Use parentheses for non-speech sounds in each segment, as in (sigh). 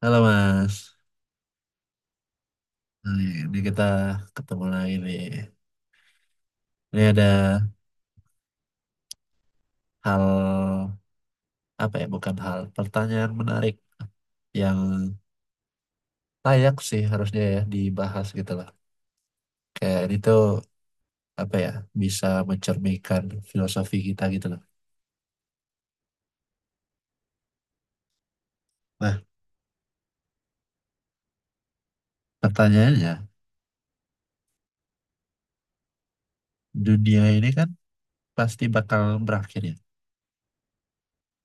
Halo Mas. Hai, ini kita ketemu lagi nih. Ini ada hal apa ya? Bukan hal pertanyaan menarik yang layak sih harusnya ya dibahas gitu loh. Kayak ini tuh apa ya? Bisa mencerminkan filosofi kita gitu loh. Nah, pertanyaannya, dunia ini kan pasti bakal berakhir ya.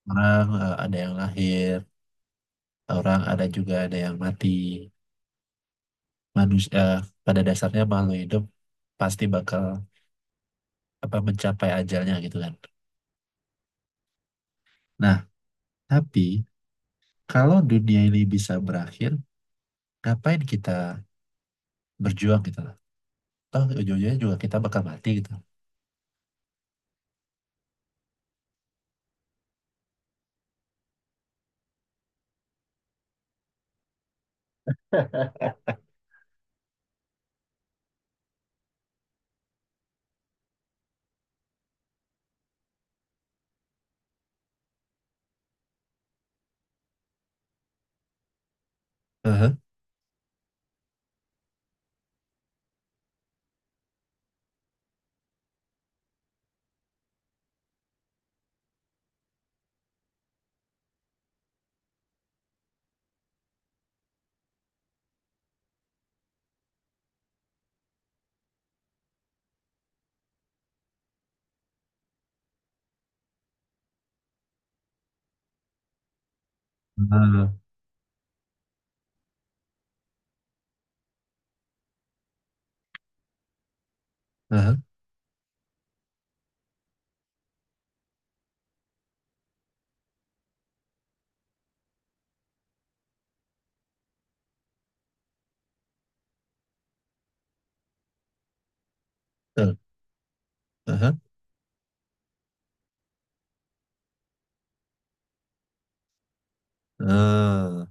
Orang ada yang lahir, orang ada juga ada yang mati. Manusia pada dasarnya makhluk hidup pasti bakal apa mencapai ajalnya gitu kan. Nah, tapi kalau dunia ini bisa berakhir, ngapain kita berjuang gitu lah. Toh ujung-ujungnya juga kita bakal mati gitu. Heeh, heeh, heeh. Betul. Heeh, heeh.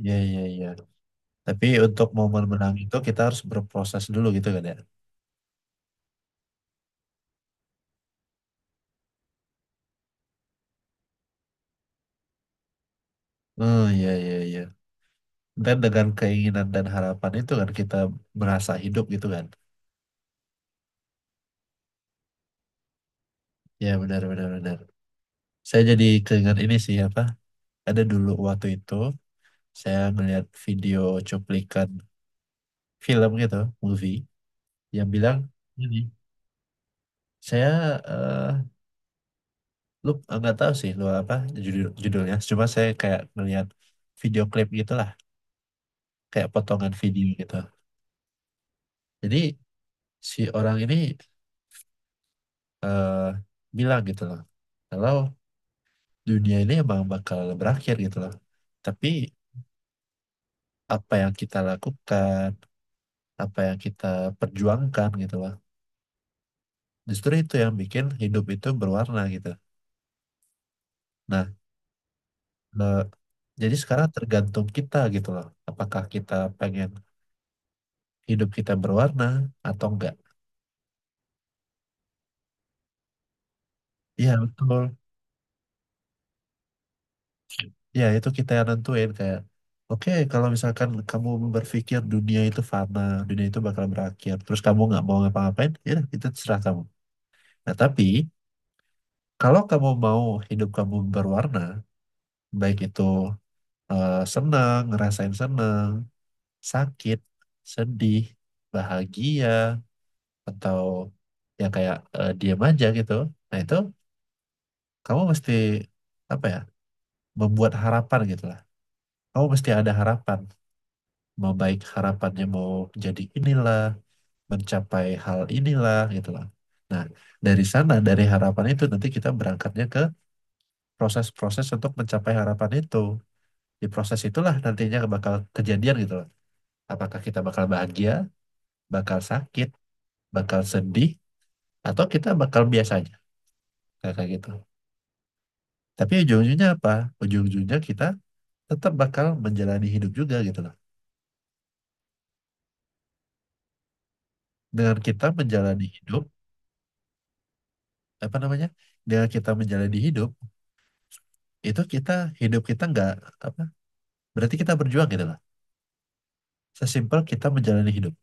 Iya, iya, iya. Tapi untuk momen menang itu kita harus berproses dulu gitu kan ya. Oh, iya, iya, iya. Dan dengan keinginan dan harapan itu kan kita merasa hidup gitu kan. Ya, benar, benar, benar. Saya jadi keingat ini sih apa? Ada dulu waktu itu saya melihat video cuplikan film gitu, movie yang bilang ini saya eh, lu nggak tahu sih lu apa judul judulnya, cuma saya kayak ngeliat video klip gitulah, kayak potongan video gitu. Jadi si orang ini eh, bilang gitu loh, kalau dunia ini emang bakal berakhir gitu loh. Tapi apa yang kita lakukan, apa yang kita perjuangkan gitu loh, justru itu yang bikin hidup itu berwarna gitu. Nah Nah, jadi sekarang tergantung kita gitu loh. Apakah kita pengen hidup kita berwarna atau enggak? Iya betul. Ya itu kita yang nentuin kayak, oke kalau misalkan kamu berpikir dunia itu fana, dunia itu bakal berakhir, terus kamu nggak mau ngapa-ngapain, ya udah, itu terserah kamu. Nah tapi kalau kamu mau hidup kamu berwarna, baik itu senang, ngerasain senang, sakit, sedih, bahagia, atau ya kayak diem aja gitu. Nah itu kamu mesti apa ya membuat harapan gitu lah. Kamu mesti ada harapan, mau baik harapannya mau jadi inilah, mencapai hal inilah gitu lah. Nah dari sana dari harapan itu nanti kita berangkatnya ke proses-proses untuk mencapai harapan itu. Di proses itulah nantinya bakal kejadian gitu loh. Apakah kita bakal bahagia, bakal sakit, bakal sedih, atau kita bakal biasa aja kayak kayak gitu. Tapi ujung-ujungnya apa? Ujung-ujungnya kita tetap bakal menjalani hidup juga gitu loh. Dengan kita menjalani hidup, apa namanya? Dengan kita menjalani hidup, itu kita hidup kita nggak apa? Berarti kita berjuang gitu loh. Sesimpel kita menjalani hidup.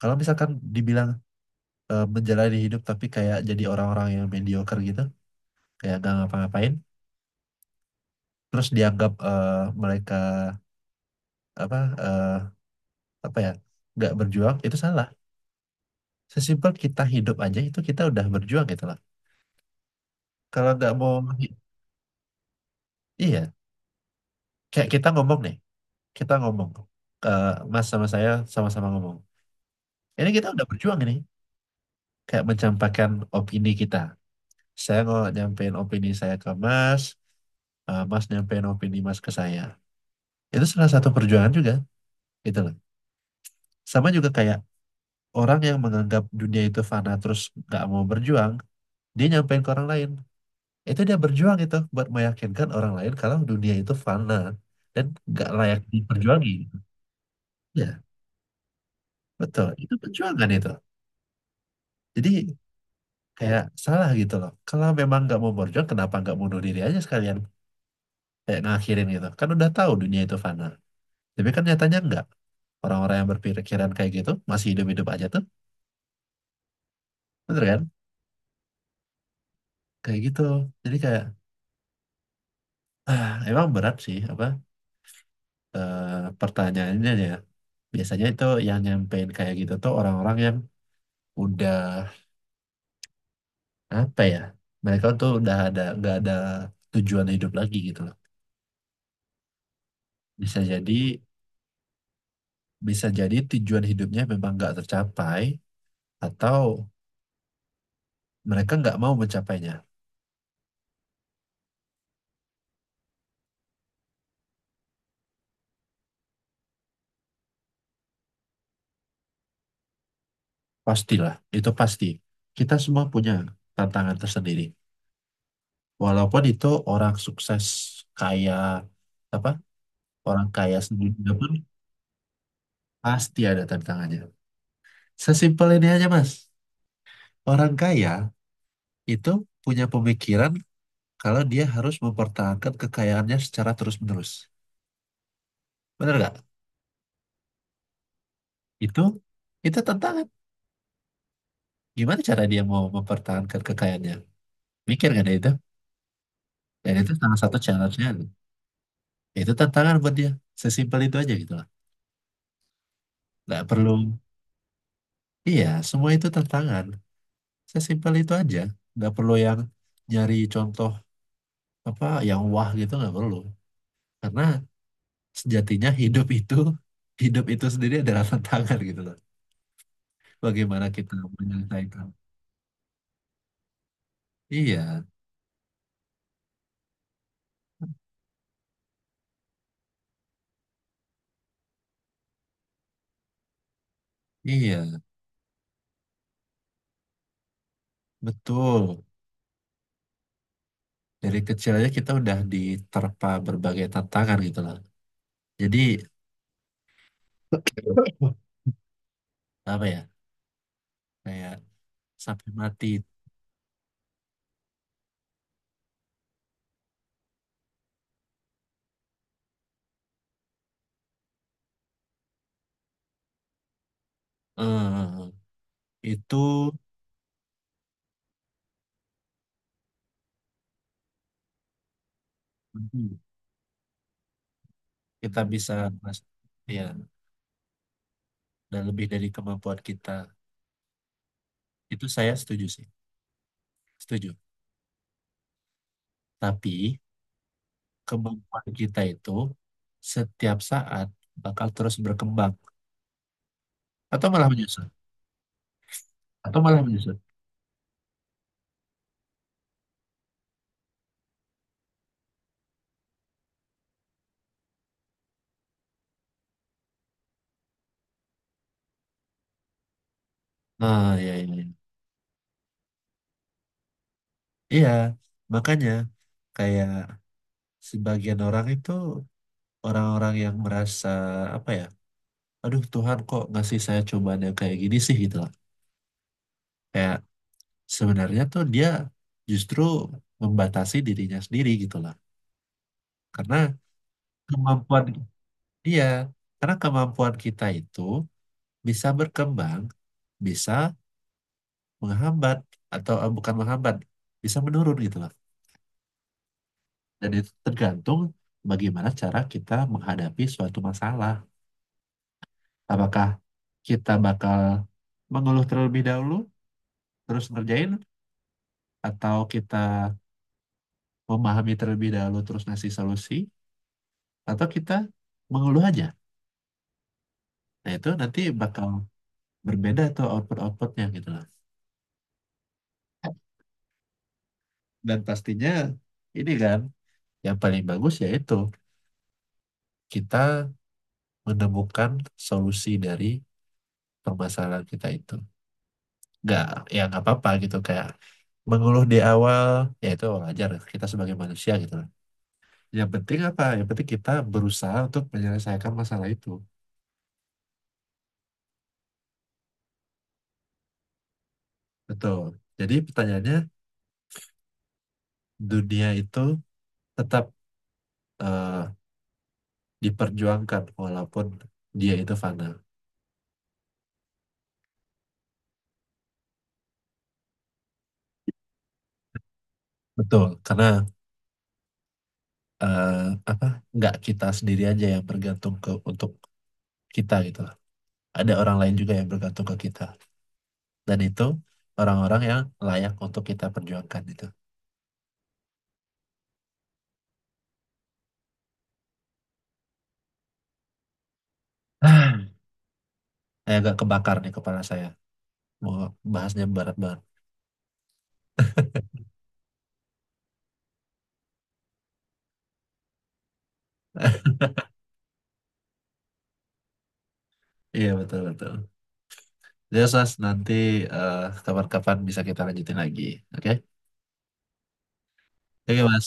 Kalau misalkan dibilang menjalani hidup tapi kayak jadi orang-orang yang mediocre gitu, kayak nggak ngapa-ngapain, terus dianggap mereka apa apa ya? Nggak berjuang, itu salah. Sesimpel kita hidup aja itu kita udah berjuang gitu loh. Kalau nggak mau, iya, kayak kita ngomong nih, kita ngomong, ke Mas sama saya sama-sama ngomong. Ini kita udah berjuang ini, kayak mencampakkan opini kita. Saya mau nyampein opini saya ke Mas, Mas nyampein opini Mas ke saya. Itu salah satu perjuangan juga, gitu loh. Sama juga kayak orang yang menganggap dunia itu fana terus nggak mau berjuang, dia nyampein ke orang lain. Itu dia berjuang itu buat meyakinkan orang lain kalau dunia itu fana dan nggak layak diperjuangi. Ya. Betul, itu perjuangan itu. Jadi kayak salah gitu loh. Kalau memang nggak mau berjuang, kenapa nggak bunuh diri aja sekalian? Kayak ngakhirin gitu. Kan udah tahu dunia itu fana. Tapi kan nyatanya nggak. Orang-orang yang berpikiran kayak gitu masih hidup-hidup aja tuh, bener kan? Kayak gitu. Jadi kayak, ah, emang berat sih apa eh, pertanyaannya ya. Biasanya itu yang nyampein kayak gitu tuh orang-orang yang udah apa ya? Mereka tuh udah ada nggak ada tujuan hidup lagi gitu loh. Bisa jadi Bisa jadi tujuan hidupnya memang nggak tercapai atau mereka nggak mau mencapainya. Pastilah, itu pasti. Kita semua punya tantangan tersendiri. Walaupun itu orang sukses kaya apa orang kaya sebelumnya pun pasti ada tantangannya. Sesimpel ini aja Mas. Orang kaya itu punya pemikiran kalau dia harus mempertahankan kekayaannya secara terus-menerus. Benar nggak? Itu itu tantangan. Gimana cara dia mau mempertahankan kekayaannya? Mikir kan ya itu, dan itu salah satu challenge-nya, itu tantangan buat dia, sesimpel itu aja gitu lah. Nggak perlu, iya semua itu tantangan, sesimpel itu aja, nggak perlu yang nyari contoh apa yang wah gitu, nggak perlu. Karena sejatinya hidup itu, hidup itu sendiri adalah (laughs) tantangan gitu loh. Bagaimana kita menyelesaikan, iya, iya betul. Dari kecil aja kita udah diterpa berbagai tantangan gitu loh. Jadi (laughs) apa ya, kayak sampai mati. Eh, itu hmm, kita bisa mas, ya, dan lebih dari kemampuan kita. Itu saya setuju sih, setuju. Tapi kemampuan kita itu setiap saat bakal terus berkembang atau malah menyusut, atau malah menyusut. Nah, ya, ya, ya. Iya, makanya kayak sebagian orang itu orang-orang yang merasa apa ya, aduh Tuhan kok ngasih saya cobaan yang kayak gini sih gitu lah. Kayak sebenarnya tuh dia justru membatasi dirinya sendiri gitu lah. Karena kemampuan dia, karena kemampuan kita itu bisa berkembang, bisa menghambat atau bukan menghambat, bisa menurun gitu lah. Dan itu tergantung bagaimana cara kita menghadapi suatu masalah. Apakah kita bakal mengeluh terlebih dahulu, terus ngerjain, atau kita memahami terlebih dahulu terus ngasih solusi, atau kita mengeluh aja. Nah, itu nanti bakal berbeda tuh output-outputnya gitu loh. Dan pastinya ini kan yang paling bagus yaitu kita menemukan solusi dari permasalahan kita itu. Nggak, ya nggak apa-apa gitu kayak mengeluh di awal, ya itu wajar kita sebagai manusia gitu loh. Yang penting apa? Yang penting kita berusaha untuk menyelesaikan masalah itu. Betul. Jadi pertanyaannya dunia itu tetap eh, diperjuangkan walaupun dia itu fana. Betul, karena eh, apa nggak kita sendiri aja yang bergantung ke untuk kita gitu loh. Ada orang lain juga yang bergantung ke kita. Dan itu orang-orang yang layak untuk kita perjuangkan gitu. (clears throat) Ah, saya agak kebakar nih kepala saya. Mau bahasnya berat banget. (laughs) Iya betul betul. Jadi Mas nanti eh, kapan-kapan bisa kita lanjutin lagi. Oke? Oke Mas.